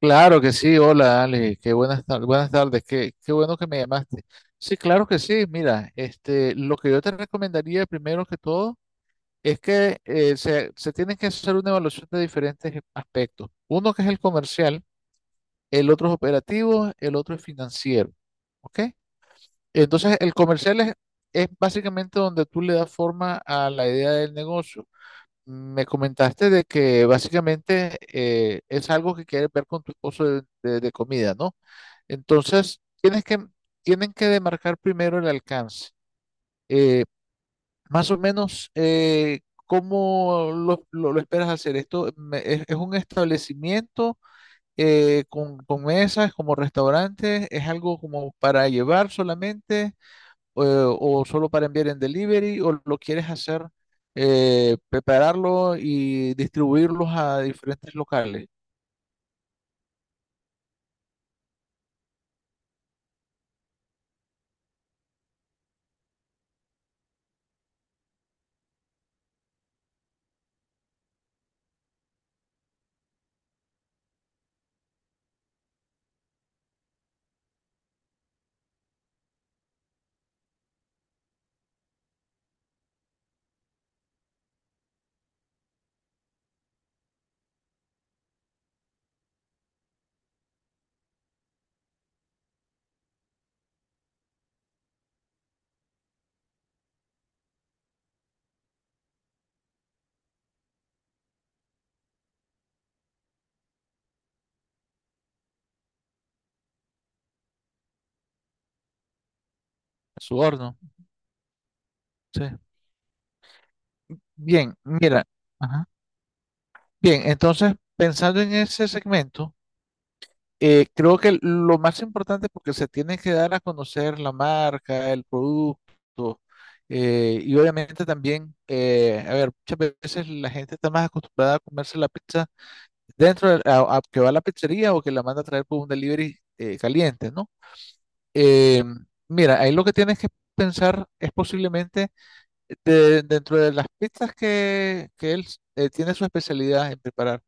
Claro que sí, hola Ale, buenas tardes, qué bueno que me llamaste. Sí, claro que sí, mira, este, lo que yo te recomendaría primero que todo es que se tiene que hacer una evaluación de diferentes aspectos. Uno que es el comercial, el otro es operativo, el otro es financiero, ¿ok? Entonces, el comercial es básicamente donde tú le das forma a la idea del negocio. Me comentaste de que básicamente es algo que quieres ver con tu esposo de comida, ¿no? Entonces, tienen que demarcar primero el alcance. Eh, más o menos, ¿cómo lo esperas hacer? ¿Esto es un establecimiento con mesas, como restaurante? ¿Es algo como para llevar solamente o solo para enviar en delivery? ¿O lo quieres hacer, prepararlo y distribuirlos a diferentes locales, a su horno? Sí. Bien, mira. Ajá. Bien, entonces, pensando en ese segmento, creo que lo más importante, porque se tiene que dar a conocer la marca, el producto, y obviamente también, a ver, muchas veces la gente está más acostumbrada a comerse la pizza dentro, a que va a la pizzería o que la manda a traer por un delivery caliente, ¿no? Eh, mira, ahí lo que tienes que pensar es posiblemente dentro de las pizzas que él tiene su especialidad en preparar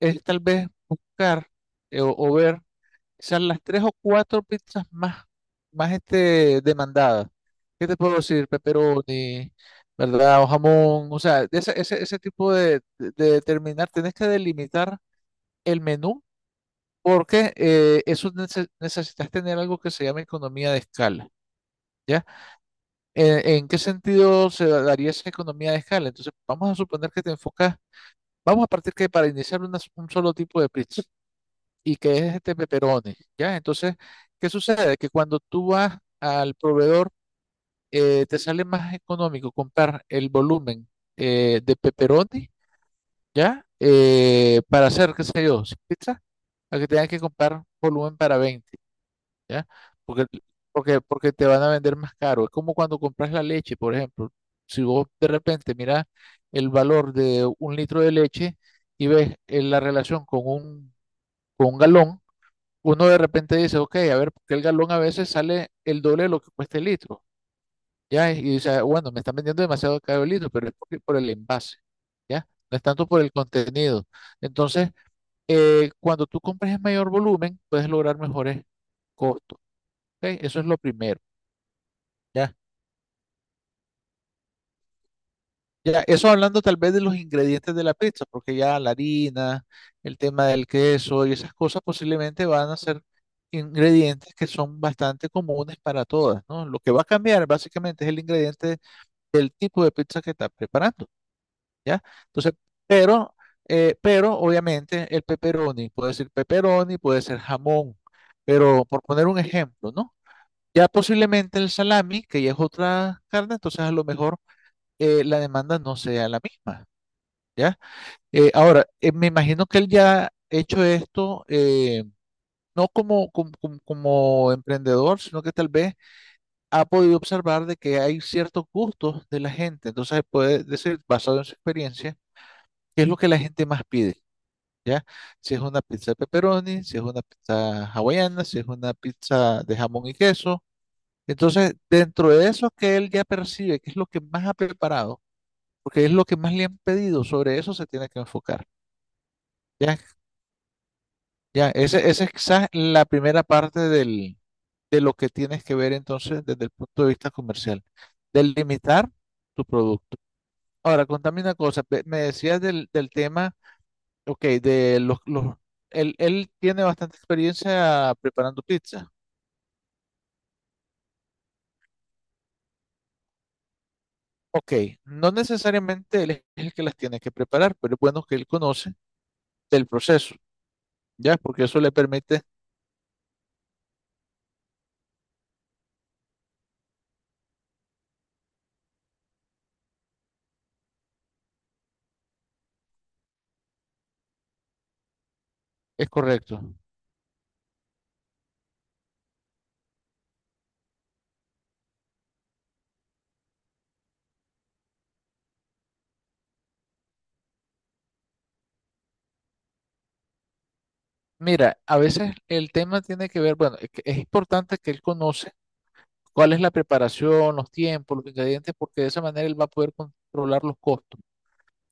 es tal vez buscar o ver quizás las tres o cuatro pizzas más, más demandadas. ¿Qué te puedo decir? Pepperoni, ¿verdad? O jamón, o sea, de ese tipo de determinar, tenés que delimitar el menú porque eso necesitas tener algo que se llama economía de escala. ¿Ya? ¿En qué sentido se daría esa economía de escala? Entonces, vamos a suponer que te enfocas, vamos a partir que para iniciar un solo tipo de pizza y que es este peperoni, ¿ya? Entonces, ¿qué sucede? Que cuando tú vas al proveedor, te sale más económico comprar el volumen de peperoni, ¿ya? Para hacer, qué sé yo, 100 pizzas, a que tengas que comprar volumen para 20. ¿Ya? Porque, porque te van a vender más caro. Es como cuando compras la leche, por ejemplo. Si vos de repente miras el valor de un litro de leche y ves la relación con un galón, uno de repente dice, ok, a ver, porque el galón a veces sale el doble de lo que cuesta el litro, ¿ya? Y dice, "Ah, bueno, me están vendiendo demasiado caro el litro, pero es por el envase, ¿ya? No es tanto por el contenido. Entonces, cuando tú compras en mayor volumen, puedes lograr mejores costos, ¿ok? Eso es lo primero. Ya, eso hablando tal vez de los ingredientes de la pizza, porque ya la harina, el tema del queso y esas cosas posiblemente van a ser ingredientes que son bastante comunes para todas, ¿no? Lo que va a cambiar básicamente es el ingrediente del tipo de pizza que estás preparando, ¿ya? Entonces, pero, pero obviamente el pepperoni, puede ser jamón, pero por poner un ejemplo, ¿no? Ya posiblemente el salami, que ya es otra carne, entonces a lo mejor la demanda no sea la misma. ¿Ya? Ahora, me imagino que él ya ha hecho esto, no como emprendedor, sino que tal vez ha podido observar de que hay ciertos gustos de la gente. Entonces puede decir, basado en su experiencia, qué es lo que la gente más pide, ¿ya? Si es una pizza de pepperoni, si es una pizza hawaiana, si es una pizza de jamón y queso. Entonces, dentro de eso que él ya percibe, qué es lo que más ha preparado, porque es lo que más le han pedido, sobre eso se tiene que enfocar. ¿Ya? Ya, ese es quizás la primera parte del, de lo que tienes que ver entonces desde el punto de vista comercial, del limitar tu producto. Ahora, contame una cosa, me decías del tema, ok, de los, él tiene bastante experiencia preparando pizza. Ok, no necesariamente él es el que las tiene que preparar, pero es bueno que él conoce del proceso, ¿ya? Porque eso le permite, es correcto. Mira, a veces el tema tiene que ver, bueno, es que es importante que él conozca cuál es la preparación, los tiempos, los ingredientes, porque de esa manera él va a poder controlar los costos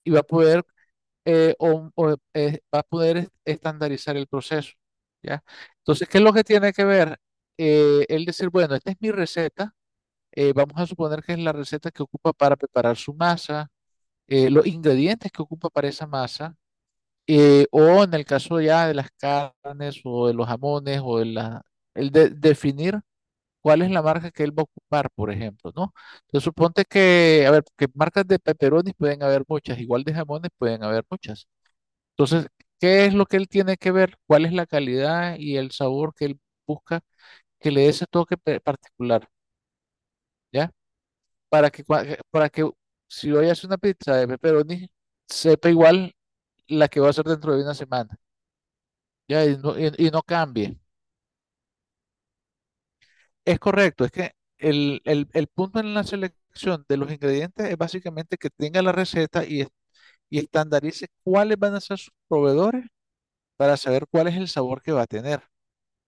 y va a poder, o, va a poder est- estandarizar el proceso, ¿ya? Entonces, ¿qué es lo que tiene que ver? Él decir, bueno, esta es mi receta, vamos a suponer que es la receta que ocupa para preparar su masa, los ingredientes que ocupa para esa masa, o en el caso ya de las carnes o de los jamones o de el definir cuál es la marca que él va a ocupar, por ejemplo, ¿no? Entonces suponte que, a ver, que marcas de pepperonis pueden haber muchas, igual de jamones pueden haber muchas. Entonces, ¿qué es lo que él tiene que ver? ¿Cuál es la calidad y el sabor que él busca que le dé ese toque particular, ¿ya? Para que, para que si hoy hace una pizza de pepperoni sepa igual la que va a hacer dentro de una semana, ¿ya? Y no, y no cambie. Es correcto, es que el punto en la selección de los ingredientes es básicamente que tenga la receta y, y estandarice cuáles van a ser sus proveedores para saber cuál es el sabor que va a tener.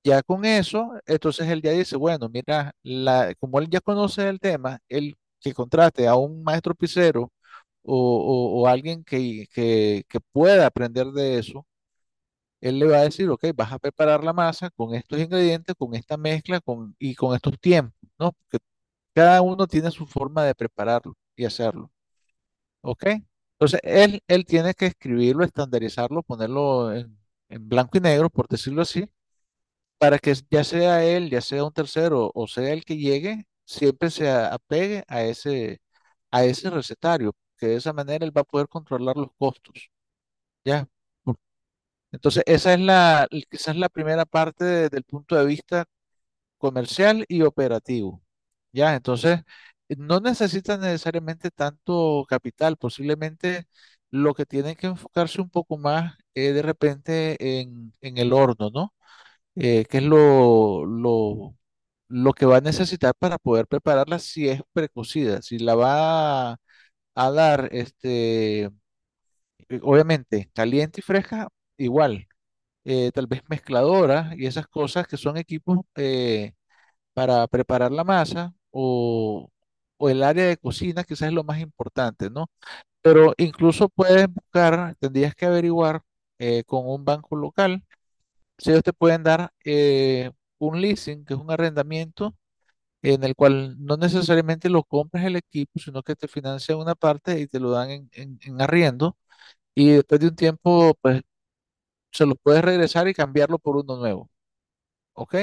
Ya con eso, entonces él ya dice, bueno, mira, como él ya conoce el tema, él que contrate a un maestro pizzero o alguien que pueda aprender de eso, él le va a decir, ok, vas a preparar la masa con estos ingredientes, con esta mezcla y con estos tiempos, ¿no? Cada uno tiene su forma de prepararlo y hacerlo, ¿ok? Entonces, él tiene que escribirlo, estandarizarlo, ponerlo en blanco y negro, por decirlo así, para que ya sea él, ya sea un tercero o sea el que llegue, siempre se apegue a ese recetario, que de esa manera él va a poder controlar los costos, ¿ya? Entonces, esa es quizás la primera parte del punto de vista comercial y operativo. Ya, entonces, no necesitan necesariamente tanto capital, posiblemente lo que tienen que enfocarse un poco más es de repente en el horno, ¿no? Que es lo que va a necesitar para poder prepararla si es precocida, si la va a dar, obviamente, caliente y fresca, igual, tal vez mezcladora y esas cosas que son equipos. Para preparar la masa o el área de cocina, quizás es lo más importante, ¿no? Pero incluso puedes buscar, tendrías que averiguar con un banco local si ellos te pueden dar un leasing, que es un arrendamiento en el cual no necesariamente lo compras el equipo, sino que te financian una parte y te lo dan en arriendo y después de un tiempo, pues se lo puedes regresar y cambiarlo por uno nuevo, ¿ok?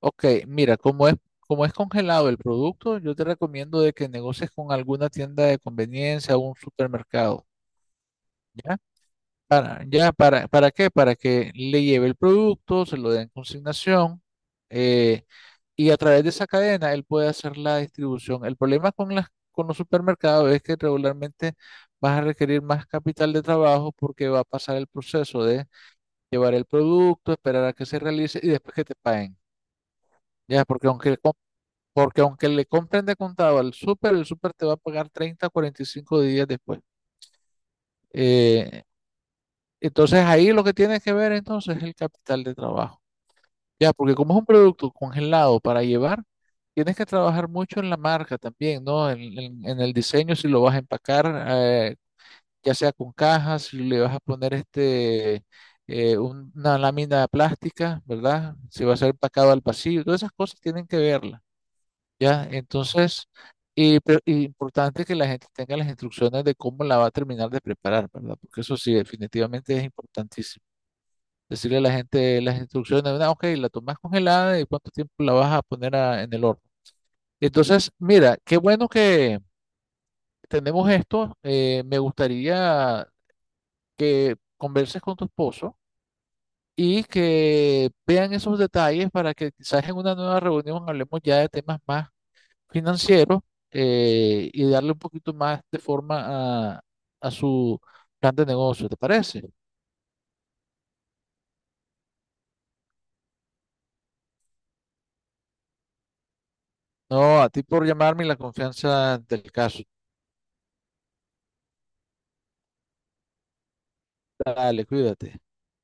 Ok, mira, como es congelado el producto, yo te recomiendo de que negocies con alguna tienda de conveniencia o un supermercado, ¿ya? Para, ya, ¿para qué? Para que le lleve el producto, se lo den en consignación, eh, y a través de esa cadena él puede hacer la distribución. El problema con las, con los supermercados es que regularmente vas a requerir más capital de trabajo porque va a pasar el proceso de llevar el producto, esperar a que se realice y después que te paguen. Ya, porque aunque le compren de contado al súper, el súper te va a pagar treinta cuarenta y cinco días después. Eh, entonces ahí lo que tienes que ver entonces es el capital de trabajo. Ya, porque como es un producto congelado para llevar, tienes que trabajar mucho en la marca también, ¿no? En el diseño, si lo vas a empacar, ya sea con cajas, si le vas a poner una lámina plástica, ¿verdad? Si va a ser empacado al pasillo, todas esas cosas tienen que ver. ¿Ya? Entonces, y importante que la gente tenga las instrucciones de cómo la va a terminar de preparar, ¿verdad? Porque eso sí, definitivamente es importantísimo. Decirle a la gente las instrucciones, "Ah, ok, la tomas congelada y cuánto tiempo la vas a poner en el horno. Entonces, mira, qué bueno que tenemos esto. Me gustaría que converses con tu esposo y que vean esos detalles para que quizás en una nueva reunión hablemos ya de temas más financieros y darle un poquito más de forma a su plan de negocio, ¿te parece? No, a ti por llamarme y la confianza del caso. Dale, cuídate.